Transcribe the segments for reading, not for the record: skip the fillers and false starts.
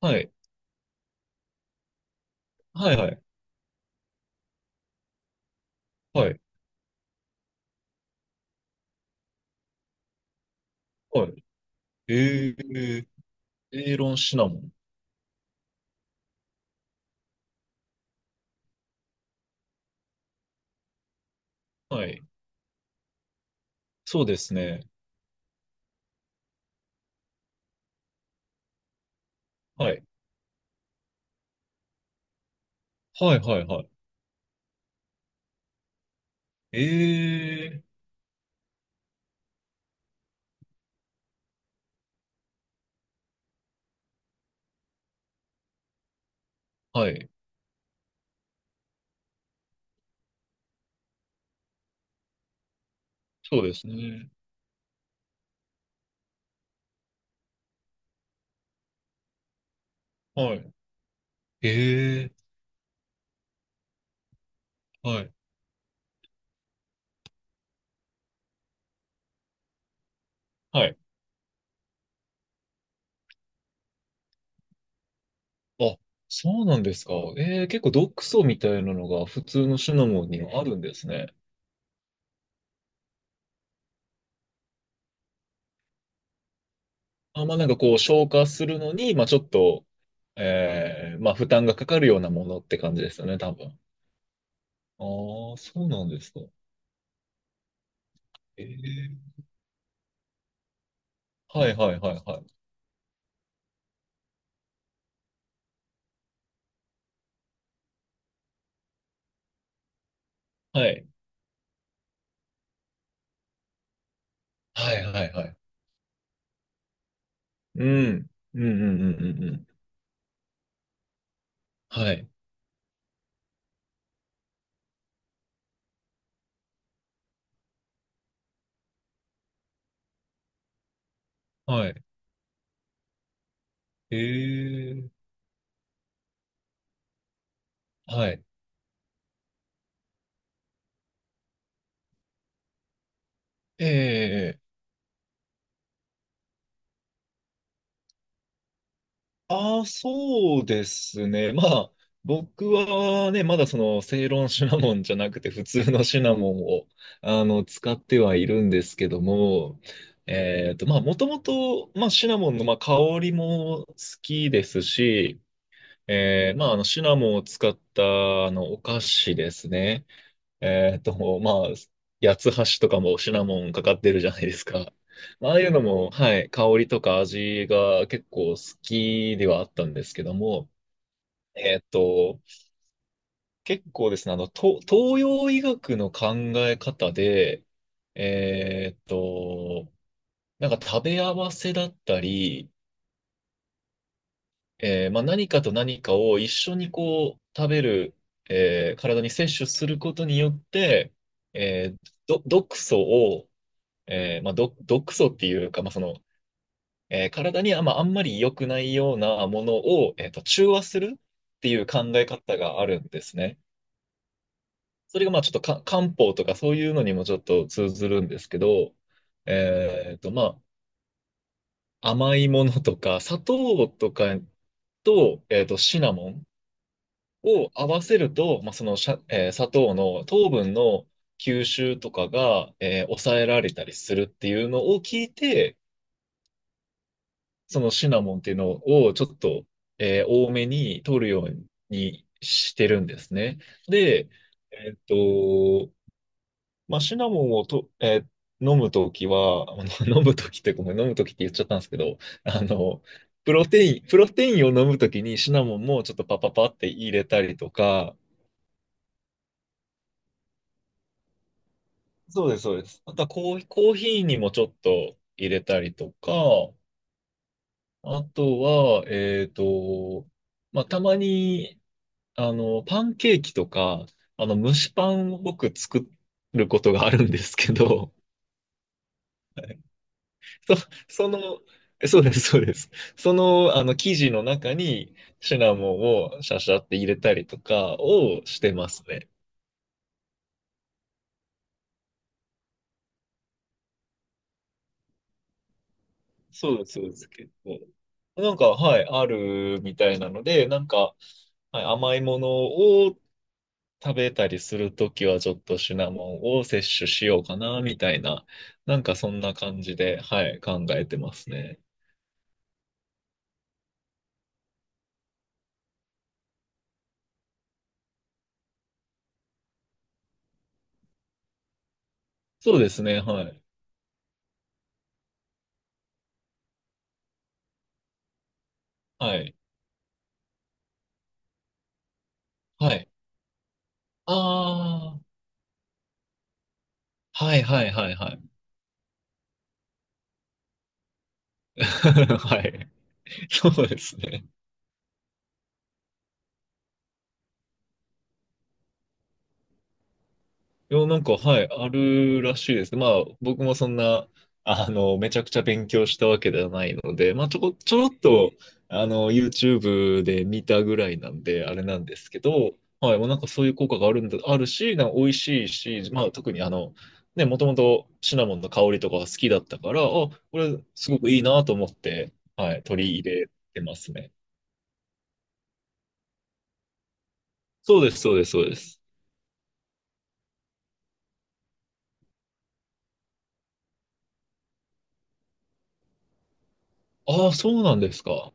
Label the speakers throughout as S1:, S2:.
S1: はい。はいはい。はい。はい。えー、エーロンシナモン。はい。そうですね。はい。はいはいはい。えはい。そうですね。はい。えはい。はい。あ、そうなんですか。結構毒素みたいなのが普通のシナモンにはあるんですね。あ、まあなんかこう消化するのに、まあちょっと、まあ負担がかかるようなものって感じですよね、多分。ああ、そうなんですか。えー、はいはいはいはい。はい。はいはいはい。うん。うんうんうんうんうん。はい。はい。ええ、はい。ええ、ああ、そうですね。まあ、僕はね、まだその、正論シナモンじゃなくて、普通のシナモンを、あの、使ってはいるんですけども、まあ、もともと、まあ、シナモンの、まあ、香りも好きですし、まあ、あの、シナモンを使った、あの、お菓子ですね。まあ、八つ橋とかもシナモンかかってるじゃないですか。まあ、ああいうのも、はい、香りとか味が結構好きではあったんですけども、えーっと、結構ですね、あの、東洋医学の考え方で、えーっと、なんか食べ合わせだったり、まあ、何かと何かを一緒にこう食べる、体に摂取することによって、えー毒素をまあ、毒素っていうか、まあその体にまあ、あんまり良くないようなものを、中和するっていう考え方があるんですね。それがまあちょっとか漢方とかそういうのにもちょっと通ずるんですけど、まあ、甘いものとか砂糖とかシナモンを合わせると、まあ、その砂糖の糖分の吸収とかが、抑えられたりするっていうのを聞いて、そのシナモンっていうのをちょっと、多めに取るようにしてるんですね。で、えっと、まあ、シナモンを飲むときは、あの飲むときってごめん、飲むときって言っちゃったんですけど、あの、プロテインを飲むときにシナモンもちょっとパパパって入れたりとか、そうです、そうです。あとはコーヒーにもちょっと入れたりとか、あとは、まあ、たまに、あの、パンケーキとか、あの、蒸しパンを僕作ることがあるんですけど、そ、その、そうです、そうです。その、あの、生地の中にシナモンをシャシャって入れたりとかをしてますね。そうです、そうですけど。なんか、はい、あるみたいなので、なんか、はい、甘いものを食べたりするときは、ちょっとシナモンを摂取しようかな、みたいな、なんかそんな感じで、はい、考えてますね。そうですね、はい。はい。はい。ああ、はいはいはいはい。はい。そうですね。いや、なんか、はい、あるらしいです。まあ、僕もそんな、あの、めちゃくちゃ勉強したわけではないので、まあ、ちょろっと、あの、YouTube で見たぐらいなんで、あれなんですけど、はい、もうなんかそういう効果があるんだ、あるし、なんか美味しいし、まあ、特にあの、ね、もともとシナモンの香りとかが好きだったから、あ、これ、すごくいいなと思って、はい、取り入れてますね。そうです、そうです、そうです。ああ、そうなんですか。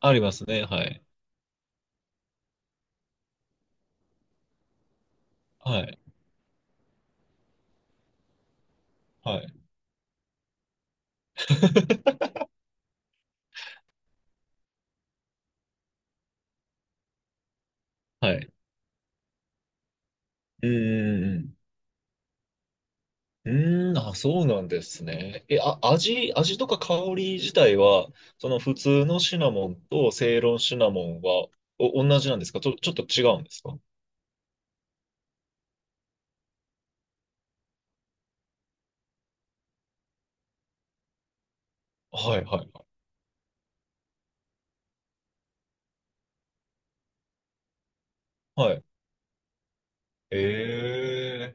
S1: ありますね、はい。はい、はい。はい。うーん。うあ、そうなんですね。え、あ、味とか香り自体は、その普通のシナモンとセイロンシナモンは、同じなんですか、ちょっと違うんですか。はいはいはい。はい。ええ、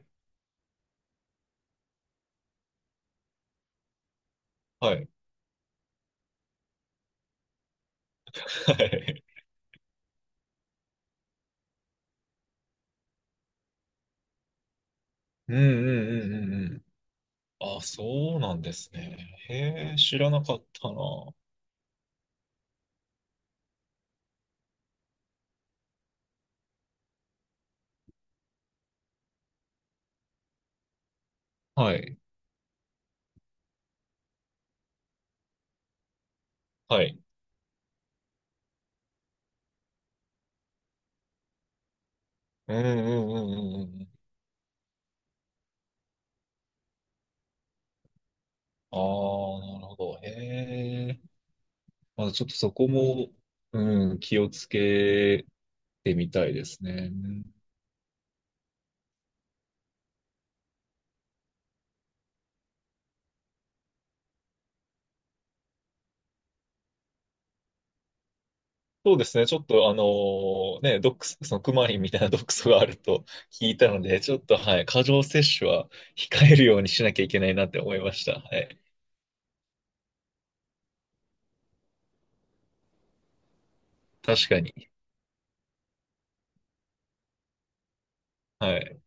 S1: はい。はい。うんうんうんうんうん。あ、そうなんですね。へえ、知らなかったな。はい。はい。うんうんうんうんうん。ああ、なるほど。へえ。まあ、ちょっとそこも、うん、気をつけてみたいですね。そうですね。ちょっとあのね、毒素、そのクマリンみたいな毒素があると聞いたので、ちょっとはい、過剰摂取は控えるようにしなきゃいけないなって思いました。はい。確かに。はい。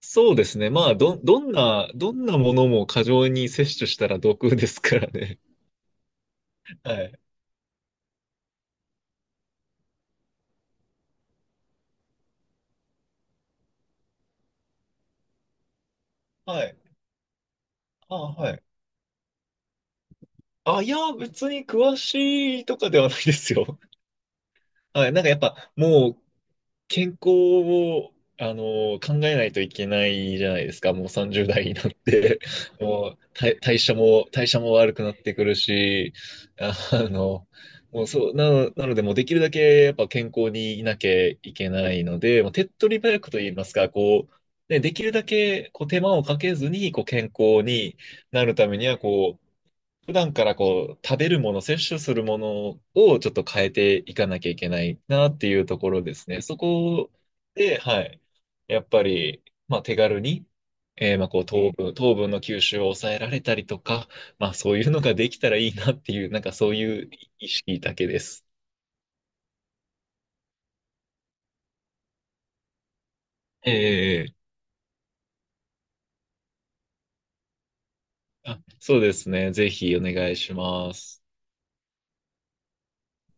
S1: そうですね。まあ、どんなものも過剰に摂取したら毒ですからね。はい。はい。あ、はい。あ、いや、別に詳しいとかではないですよ。はい。なんかやっぱ、もう健康を、あの、考えないといけないじゃないですか。もう30代になって、もう代謝も悪くなってくるし、あの、もうなので、もうできるだけやっぱ健康にいなきゃいけないので、もう手っ取り早くと言いますか、こう、ね、できるだけこう手間をかけずにこう健康になるためには、こう、普段からこう、食べるもの、摂取するものをちょっと変えていかなきゃいけないなっていうところですね。そこで、はい。やっぱり、まあ手軽に、まあこう糖分、糖分の吸収を抑えられたりとか、まあそういうのができたらいいなっていう、なんかそういう意識だけです。ええ、あ、そうですね。ぜひお願いします。